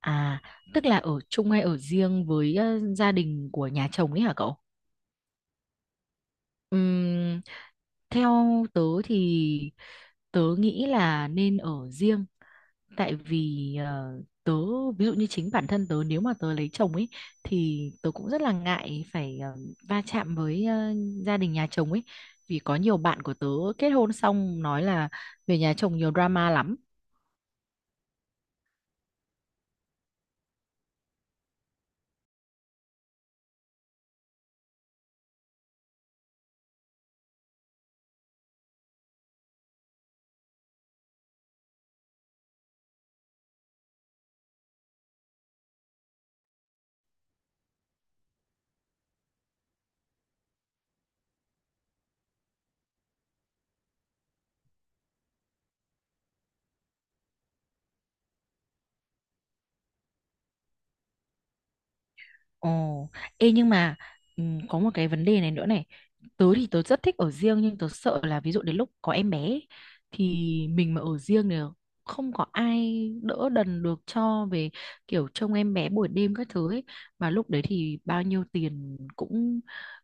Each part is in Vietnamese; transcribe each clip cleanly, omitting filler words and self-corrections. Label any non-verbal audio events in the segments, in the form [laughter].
À, tức là ở chung hay ở riêng với gia đình của nhà chồng ấy hả cậu? Ừm, Theo tớ thì tớ nghĩ là nên ở riêng, tại vì tớ ví dụ như chính bản thân tớ, nếu mà tớ lấy chồng ấy thì tớ cũng rất là ngại phải va chạm với gia đình nhà chồng ấy, vì có nhiều bạn của tớ kết hôn xong nói là về nhà chồng nhiều drama lắm. Ồ, ê, nhưng mà có một cái vấn đề này nữa này. Tớ thì tớ rất thích ở riêng, nhưng tớ sợ là ví dụ đến lúc có em bé ấy, thì mình mà ở riêng thì không có ai đỡ đần được cho về, kiểu trông em bé buổi đêm các thứ ấy. Mà lúc đấy thì bao nhiêu tiền cũng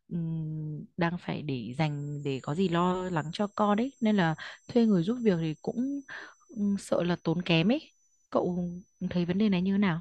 đang phải để dành để có gì lo lắng cho con đấy. Nên là thuê người giúp việc thì cũng sợ là tốn kém ấy. Cậu thấy vấn đề này như thế nào?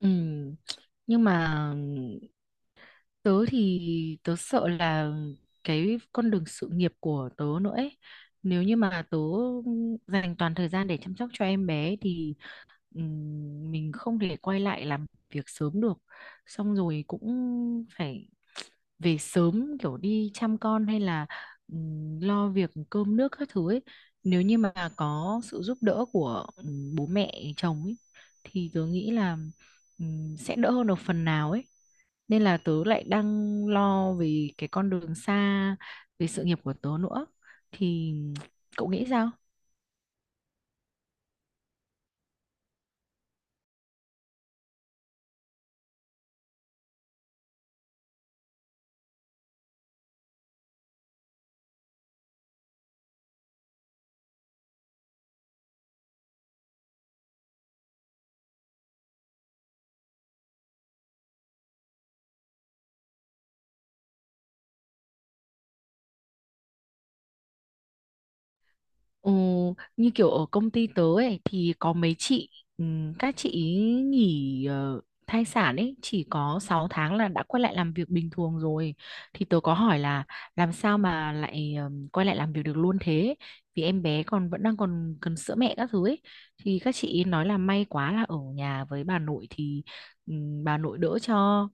Ừ. Nhưng mà tớ thì tớ sợ là cái con đường sự nghiệp của tớ nữa ấy. Nếu như mà tớ dành toàn thời gian để chăm sóc cho em bé thì mình không thể quay lại làm việc sớm được, xong rồi cũng phải về sớm kiểu đi chăm con, hay là lo việc cơm nước các thứ ấy. Nếu như mà có sự giúp đỡ của bố mẹ chồng ấy thì tớ nghĩ là sẽ đỡ hơn được phần nào ấy. Nên là tớ lại đang lo về cái con đường xa, về sự nghiệp của tớ nữa, thì cậu nghĩ sao? Ừ, như kiểu ở công ty tớ ấy thì có mấy chị, ừ, các chị ý nghỉ thai sản ấy chỉ có 6 tháng là đã quay lại làm việc bình thường rồi. Thì tớ có hỏi là làm sao mà lại quay lại làm việc được luôn thế, vì em bé còn vẫn đang còn cần sữa mẹ các thứ ấy. Thì các chị ý nói là may quá là ở nhà với bà nội thì bà nội đỡ cho,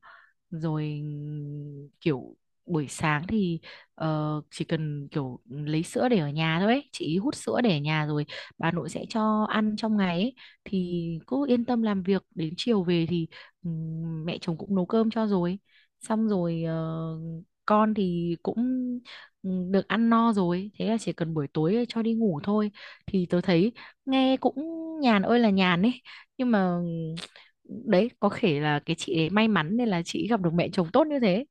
rồi kiểu buổi sáng thì chỉ cần kiểu lấy sữa để ở nhà thôi ấy. Chị hút sữa để ở nhà rồi bà nội sẽ cho ăn trong ngày ấy. Thì cứ yên tâm làm việc, đến chiều về thì mẹ chồng cũng nấu cơm cho rồi, xong rồi con thì cũng được ăn no rồi, thế là chỉ cần buổi tối cho đi ngủ thôi. Thì tớ thấy nghe cũng nhàn ơi là nhàn ấy, nhưng mà đấy có thể là cái chị ấy may mắn nên là chị gặp được mẹ chồng tốt như thế.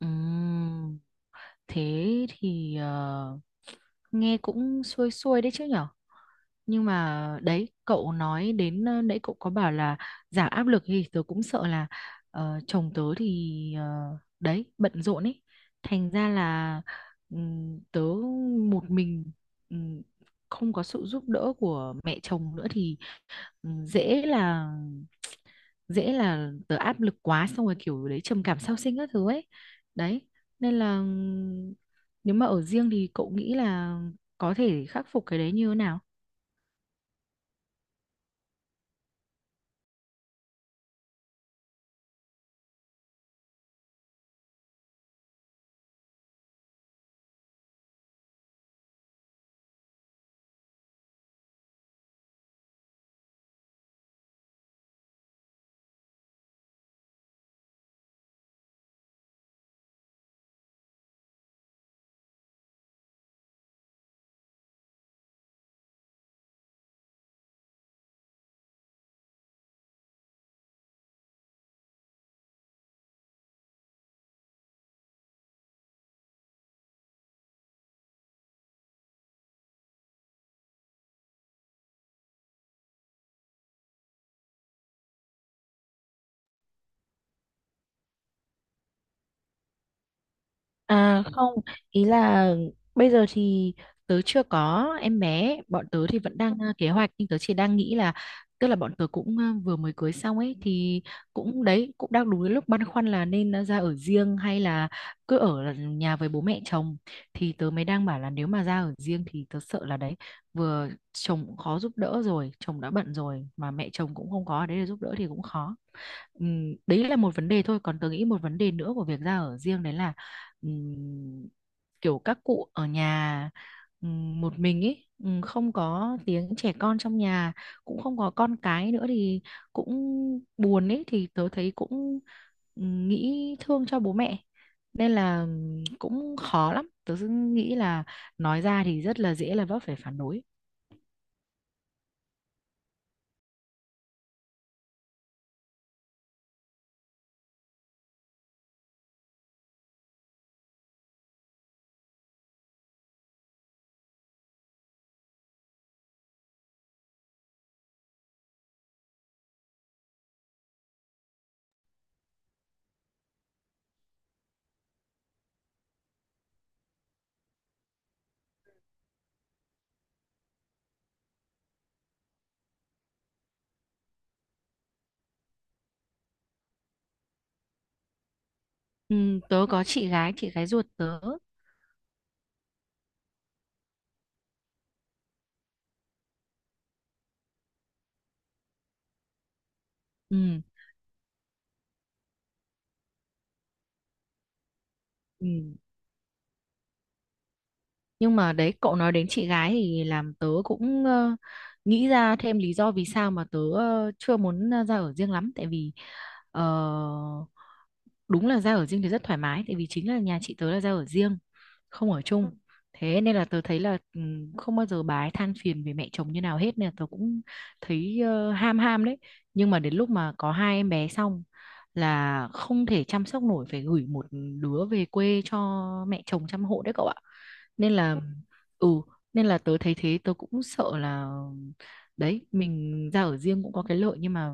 Ừm. Thế thì nghe cũng xuôi xuôi đấy chứ nhở. Nhưng mà đấy, cậu nói đến nãy cậu có bảo là giảm áp lực, thì tớ cũng sợ là chồng tớ thì đấy, bận rộn ấy, thành ra là tớ một mình, ừm, không có sự giúp đỡ của mẹ chồng nữa, thì ừ, dễ là dễ là tớ áp lực quá, xong rồi kiểu đấy trầm cảm sau sinh các thứ ấy. Đấy, nên là nếu mà ở riêng thì cậu nghĩ là có thể khắc phục cái đấy như thế nào? À không, ý là bây giờ thì tớ chưa có em bé, bọn tớ thì vẫn đang kế hoạch, nhưng tớ chỉ đang nghĩ là, tức là bọn tớ cũng vừa mới cưới xong ấy, thì cũng đấy, cũng đang đúng cái lúc băn khoăn là nên ra ở riêng hay là cứ ở nhà với bố mẹ chồng. Thì tớ mới đang bảo là nếu mà ra ở riêng thì tớ sợ là đấy, vừa chồng cũng khó giúp đỡ rồi, chồng đã bận rồi mà mẹ chồng cũng không có ở đấy để giúp đỡ thì cũng khó. Đấy là một vấn đề thôi, còn tớ nghĩ một vấn đề nữa của việc ra ở riêng đấy là ừm, kiểu các cụ ở nhà một mình ấy, không có tiếng trẻ con trong nhà, cũng không có con cái nữa thì cũng buồn ấy. Thì tớ thấy cũng nghĩ thương cho bố mẹ, nên là cũng khó lắm. Tớ cứ nghĩ là nói ra thì rất là dễ là vấp phải phản đối. Tớ có chị gái, chị gái ruột tớ. Ừm, ừm. Nhưng mà đấy, cậu nói đến chị gái thì làm tớ cũng nghĩ ra thêm lý do vì sao mà tớ chưa muốn ra ở riêng lắm, tại vì ờ, đúng là ra ở riêng thì rất thoải mái, tại vì chính là nhà chị tớ là ra ở riêng, không ở, ừ, chung. Thế nên là tớ thấy là không bao giờ bà ấy than phiền về mẹ chồng như nào hết, nên là tớ cũng thấy ham ham đấy. Nhưng mà đến lúc mà có hai em bé xong là không thể chăm sóc nổi, phải gửi một đứa về quê cho mẹ chồng chăm hộ đấy cậu ạ. Nên là ừ nên là tớ thấy thế, tớ cũng sợ là đấy, mình ra ở riêng cũng có cái lợi nhưng mà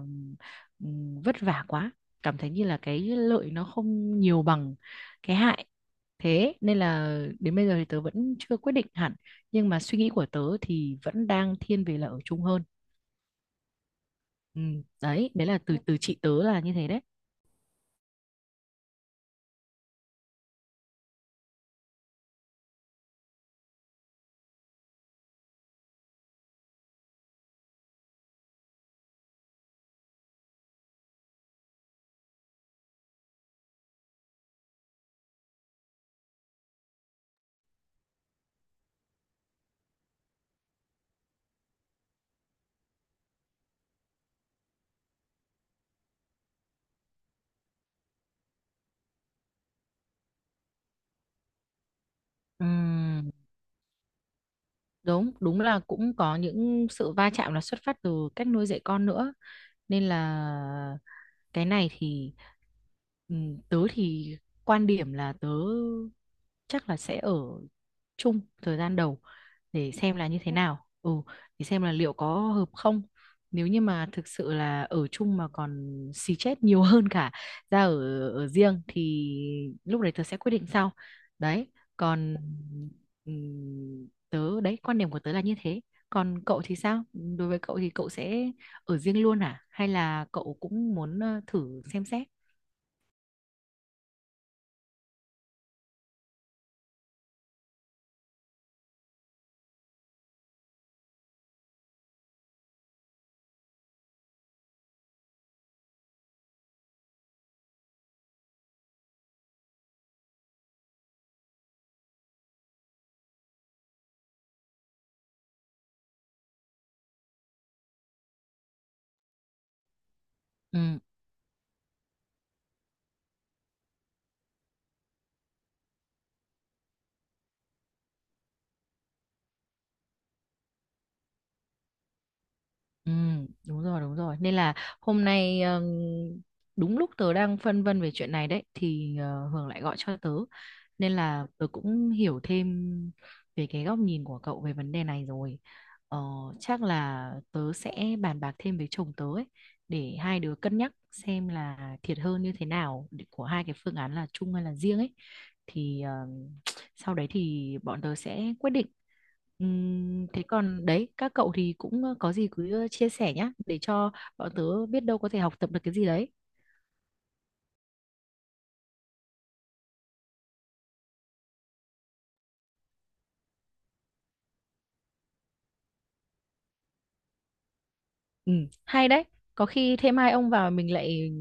vất vả quá, cảm thấy như là cái lợi nó không nhiều bằng cái hại. Thế nên là đến bây giờ thì tớ vẫn chưa quyết định hẳn, nhưng mà suy nghĩ của tớ thì vẫn đang thiên về là ở chung hơn. Ừ, đấy đấy là từ từ chị tớ là như thế đấy. Ừm, đúng đúng là cũng có những sự va chạm là xuất phát từ cách nuôi dạy con nữa, nên là cái này thì ừ, tớ thì quan điểm là tớ chắc là sẽ ở chung thời gian đầu để xem là như thế nào, để xem là liệu có hợp không. Nếu như mà thực sự là ở chung mà còn xì chết nhiều [laughs] hơn cả ra ở ở riêng thì lúc đấy tớ sẽ quyết định sau. Đấy, còn tớ đấy, quan điểm của tớ là như thế. Còn cậu thì sao? Đối với cậu thì cậu sẽ ở riêng luôn hả? Hay là cậu cũng muốn thử xem xét? Ừ. Ừ, đúng rồi, đúng rồi. Nên là hôm nay đúng lúc tớ đang phân vân về chuyện này đấy thì Hường lại gọi cho tớ. Nên là tớ cũng hiểu thêm về cái góc nhìn của cậu về vấn đề này rồi. Ờ, Chắc là tớ sẽ bàn bạc thêm với chồng tớ ấy, để hai đứa cân nhắc xem là thiệt hơn như thế nào của hai cái phương án là chung hay là riêng ấy. Thì sau đấy thì bọn tớ sẽ quyết định. Thế còn đấy, các cậu thì cũng có gì cứ chia sẻ nhá, để cho bọn tớ biết đâu có thể học tập được cái gì đấy. Ừ, hay đấy, có khi thêm hai ông vào mình lại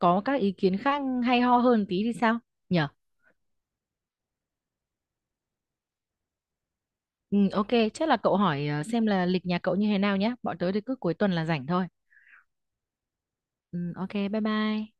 có các ý kiến khác hay ho hơn tí thì sao nhở. Ừ, ok, chắc là cậu hỏi xem là lịch nhà cậu như thế nào nhá, bọn tớ thì cứ cuối tuần là rảnh thôi. Ừ, ok, bye bye.